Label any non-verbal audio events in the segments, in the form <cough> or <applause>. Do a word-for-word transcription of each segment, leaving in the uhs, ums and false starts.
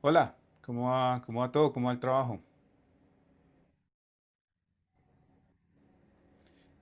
Hola, ¿cómo va? ¿Cómo va todo? ¿Cómo va el trabajo?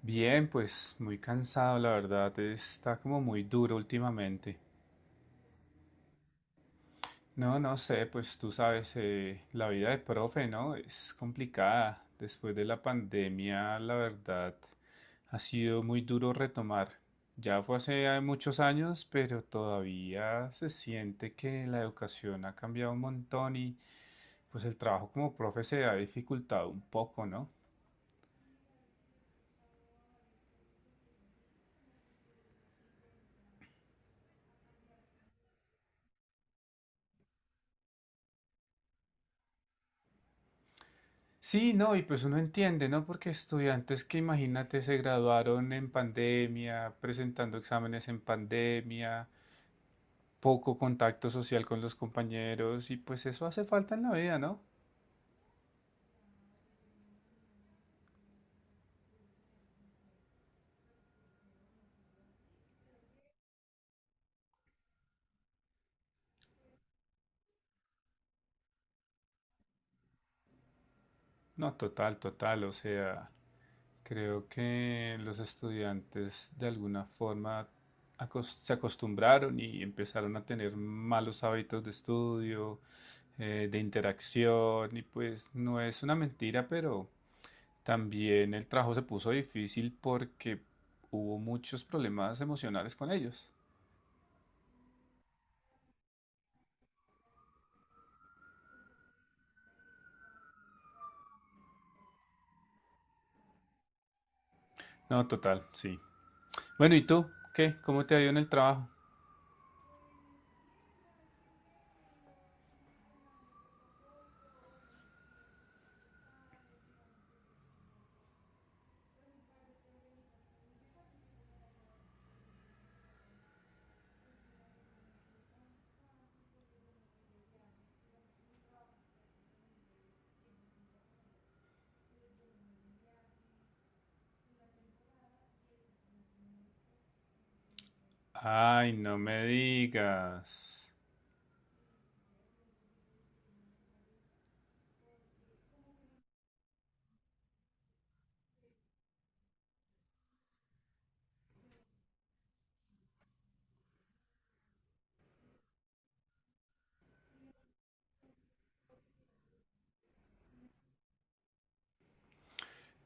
Bien, pues muy cansado, la verdad. Está como muy duro últimamente. No, no sé, pues tú sabes, eh, la vida de profe, ¿no? Es complicada. Después de la pandemia, la verdad, ha sido muy duro retomar. Ya fue hace muchos años, pero todavía se siente que la educación ha cambiado un montón y pues el trabajo como profe se ha dificultado un poco, ¿no? Sí, no, y pues uno entiende, ¿no? Porque estudiantes que imagínate se graduaron en pandemia, presentando exámenes en pandemia, poco contacto social con los compañeros, y pues eso hace falta en la vida, ¿no? No, total, total, o sea, creo que los estudiantes de alguna forma acos- se acostumbraron y empezaron a tener malos hábitos de estudio, eh, de interacción, y pues no es una mentira, pero... También el trabajo se puso difícil porque hubo muchos problemas emocionales con ellos. No, total, sí. Bueno, ¿y tú? ¿Qué? ¿Cómo te ha ido en el trabajo? Ay, no me digas.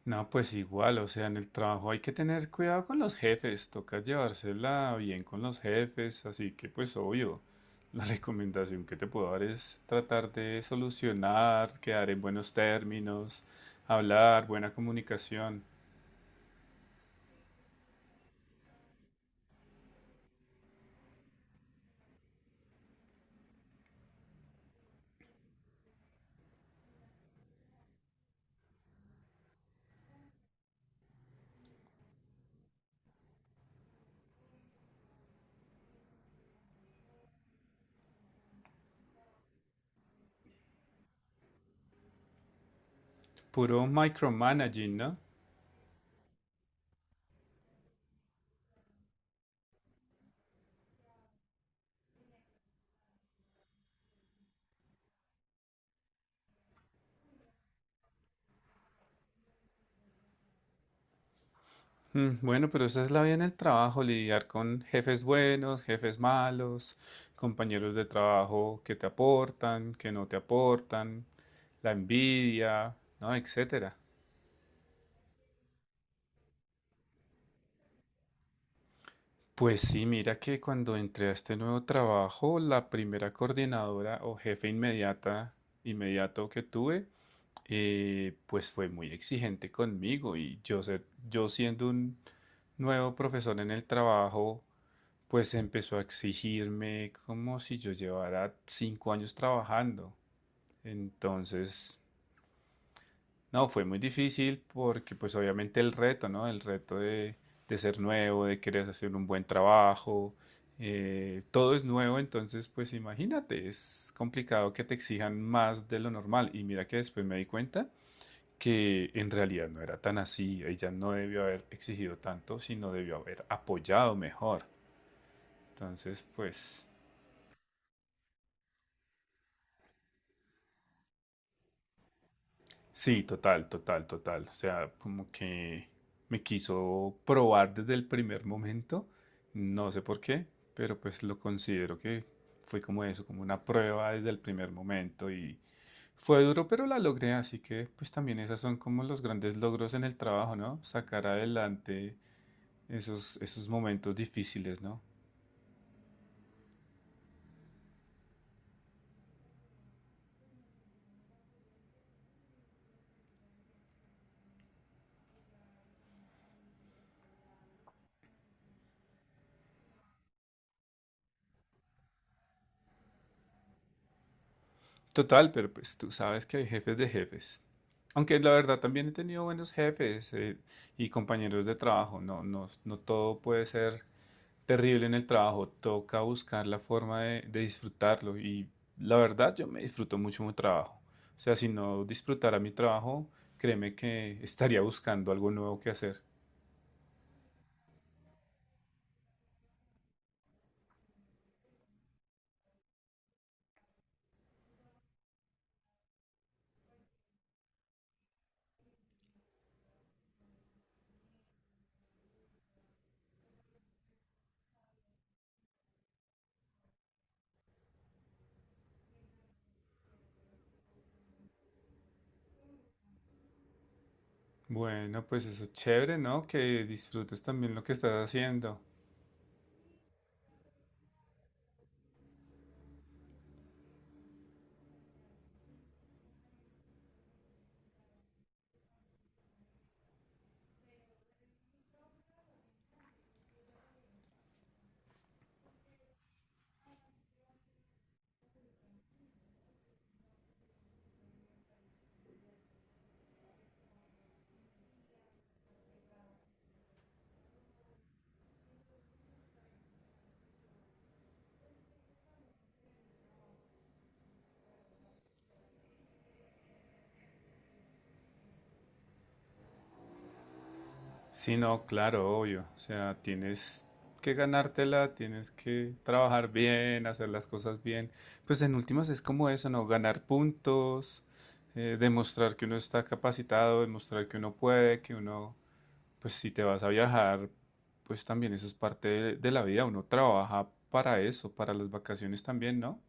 No, pues igual, o sea, en el trabajo hay que tener cuidado con los jefes, toca llevársela bien con los jefes, así que pues obvio, <laughs> la recomendación que te puedo dar es tratar de solucionar, quedar en buenos términos, hablar, buena comunicación. Puro micromanaging, ¿no? Mm, bueno, pero esa es la vida en el trabajo, lidiar con jefes buenos, jefes malos, compañeros de trabajo que te aportan, que no te aportan, la envidia, ¿no? Etcétera. Pues sí, mira que cuando entré a este nuevo trabajo, la primera coordinadora o jefe inmediata, inmediato que tuve, eh, pues fue muy exigente conmigo y yo, sé- yo siendo un nuevo profesor en el trabajo, pues empezó a exigirme como si yo llevara cinco años trabajando. Entonces, no, fue muy difícil porque pues obviamente el reto, ¿no? El reto de, de ser nuevo, de querer hacer un buen trabajo, eh, todo es nuevo, entonces pues imagínate, es complicado que te exijan más de lo normal. Y mira que después me di cuenta que en realidad no era tan así, ella no debió haber exigido tanto, sino debió haber apoyado mejor. Entonces, pues... Sí, total, total, total. O sea, como que me quiso probar desde el primer momento, no sé por qué, pero pues lo considero que fue como eso, como una prueba desde el primer momento y fue duro, pero la logré, así que pues también esas son como los grandes logros en el trabajo, ¿no? Sacar adelante esos, esos momentos difíciles, ¿no? Total, pero pues tú sabes que hay jefes de jefes. Aunque la verdad también he tenido buenos jefes eh, y compañeros de trabajo. No, no, no todo puede ser terrible en el trabajo. Toca buscar la forma de, de disfrutarlo. Y la verdad, yo me disfruto mucho mi trabajo. O sea, si no disfrutara mi trabajo, créeme que estaría buscando algo nuevo que hacer. Bueno, pues eso es chévere, ¿no? Que disfrutes también lo que estás haciendo. Sí, no, claro, obvio. O sea, tienes que ganártela, tienes que trabajar bien, hacer las cosas bien. Pues en últimas es como eso, ¿no? Ganar puntos, eh, demostrar que uno está capacitado, demostrar que uno puede, que uno, pues si te vas a viajar, pues también eso es parte de, de la vida. Uno trabaja para eso, para las vacaciones también, ¿no?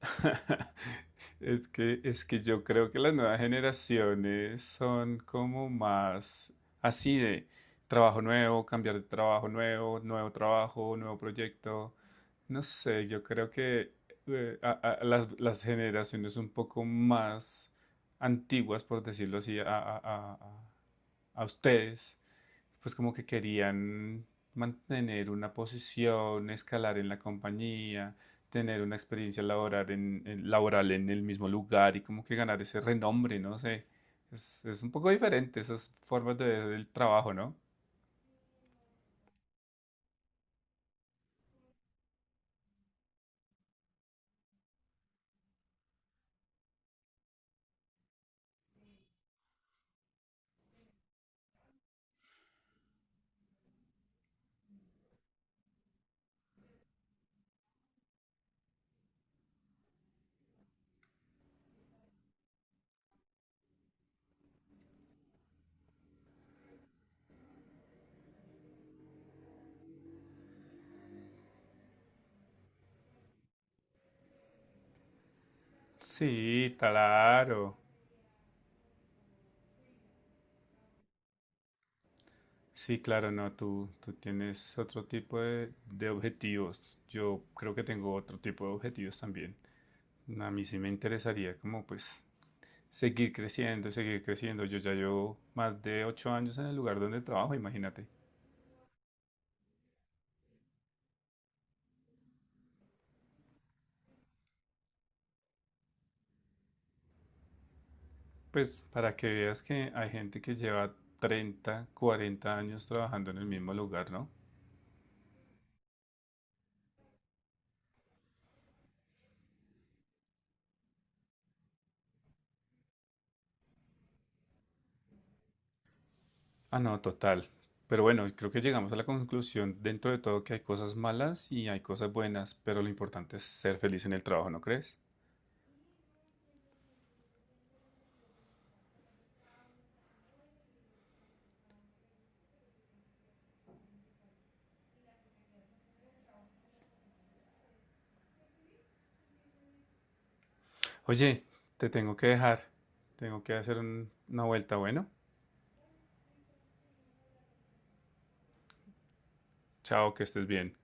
<laughs> Es que, es que yo creo que las nuevas generaciones son como más así de trabajo nuevo, cambiar de trabajo nuevo, nuevo trabajo, nuevo proyecto. No sé, yo creo que eh, a- a- las, las generaciones un poco más antiguas, por decirlo así, a, a, a, a a ustedes, pues como que querían mantener una posición, escalar en la compañía, tener una experiencia laboral en, en- laboral en el mismo lugar y como que ganar ese renombre, no sé. Es, es un poco diferente esas formas de ver el trabajo, ¿no? Sí, claro. Sí, claro, no, tú, tú tienes otro tipo de, de objetivos. Yo creo que tengo otro tipo de objetivos también. A mí sí me interesaría como pues seguir creciendo, seguir creciendo. Yo ya llevo más de ocho años en el lugar donde trabajo, imagínate. Pues para que veas que hay gente que lleva treinta, cuarenta años trabajando en el mismo lugar, ¿no? Ah, no, total. Pero bueno, creo que llegamos a la conclusión dentro de todo que hay cosas malas y hay cosas buenas, pero lo importante es ser feliz en el trabajo, ¿no crees? Oye, te tengo que dejar. Tengo que hacer un- una vuelta, bueno. Chao, que estés bien.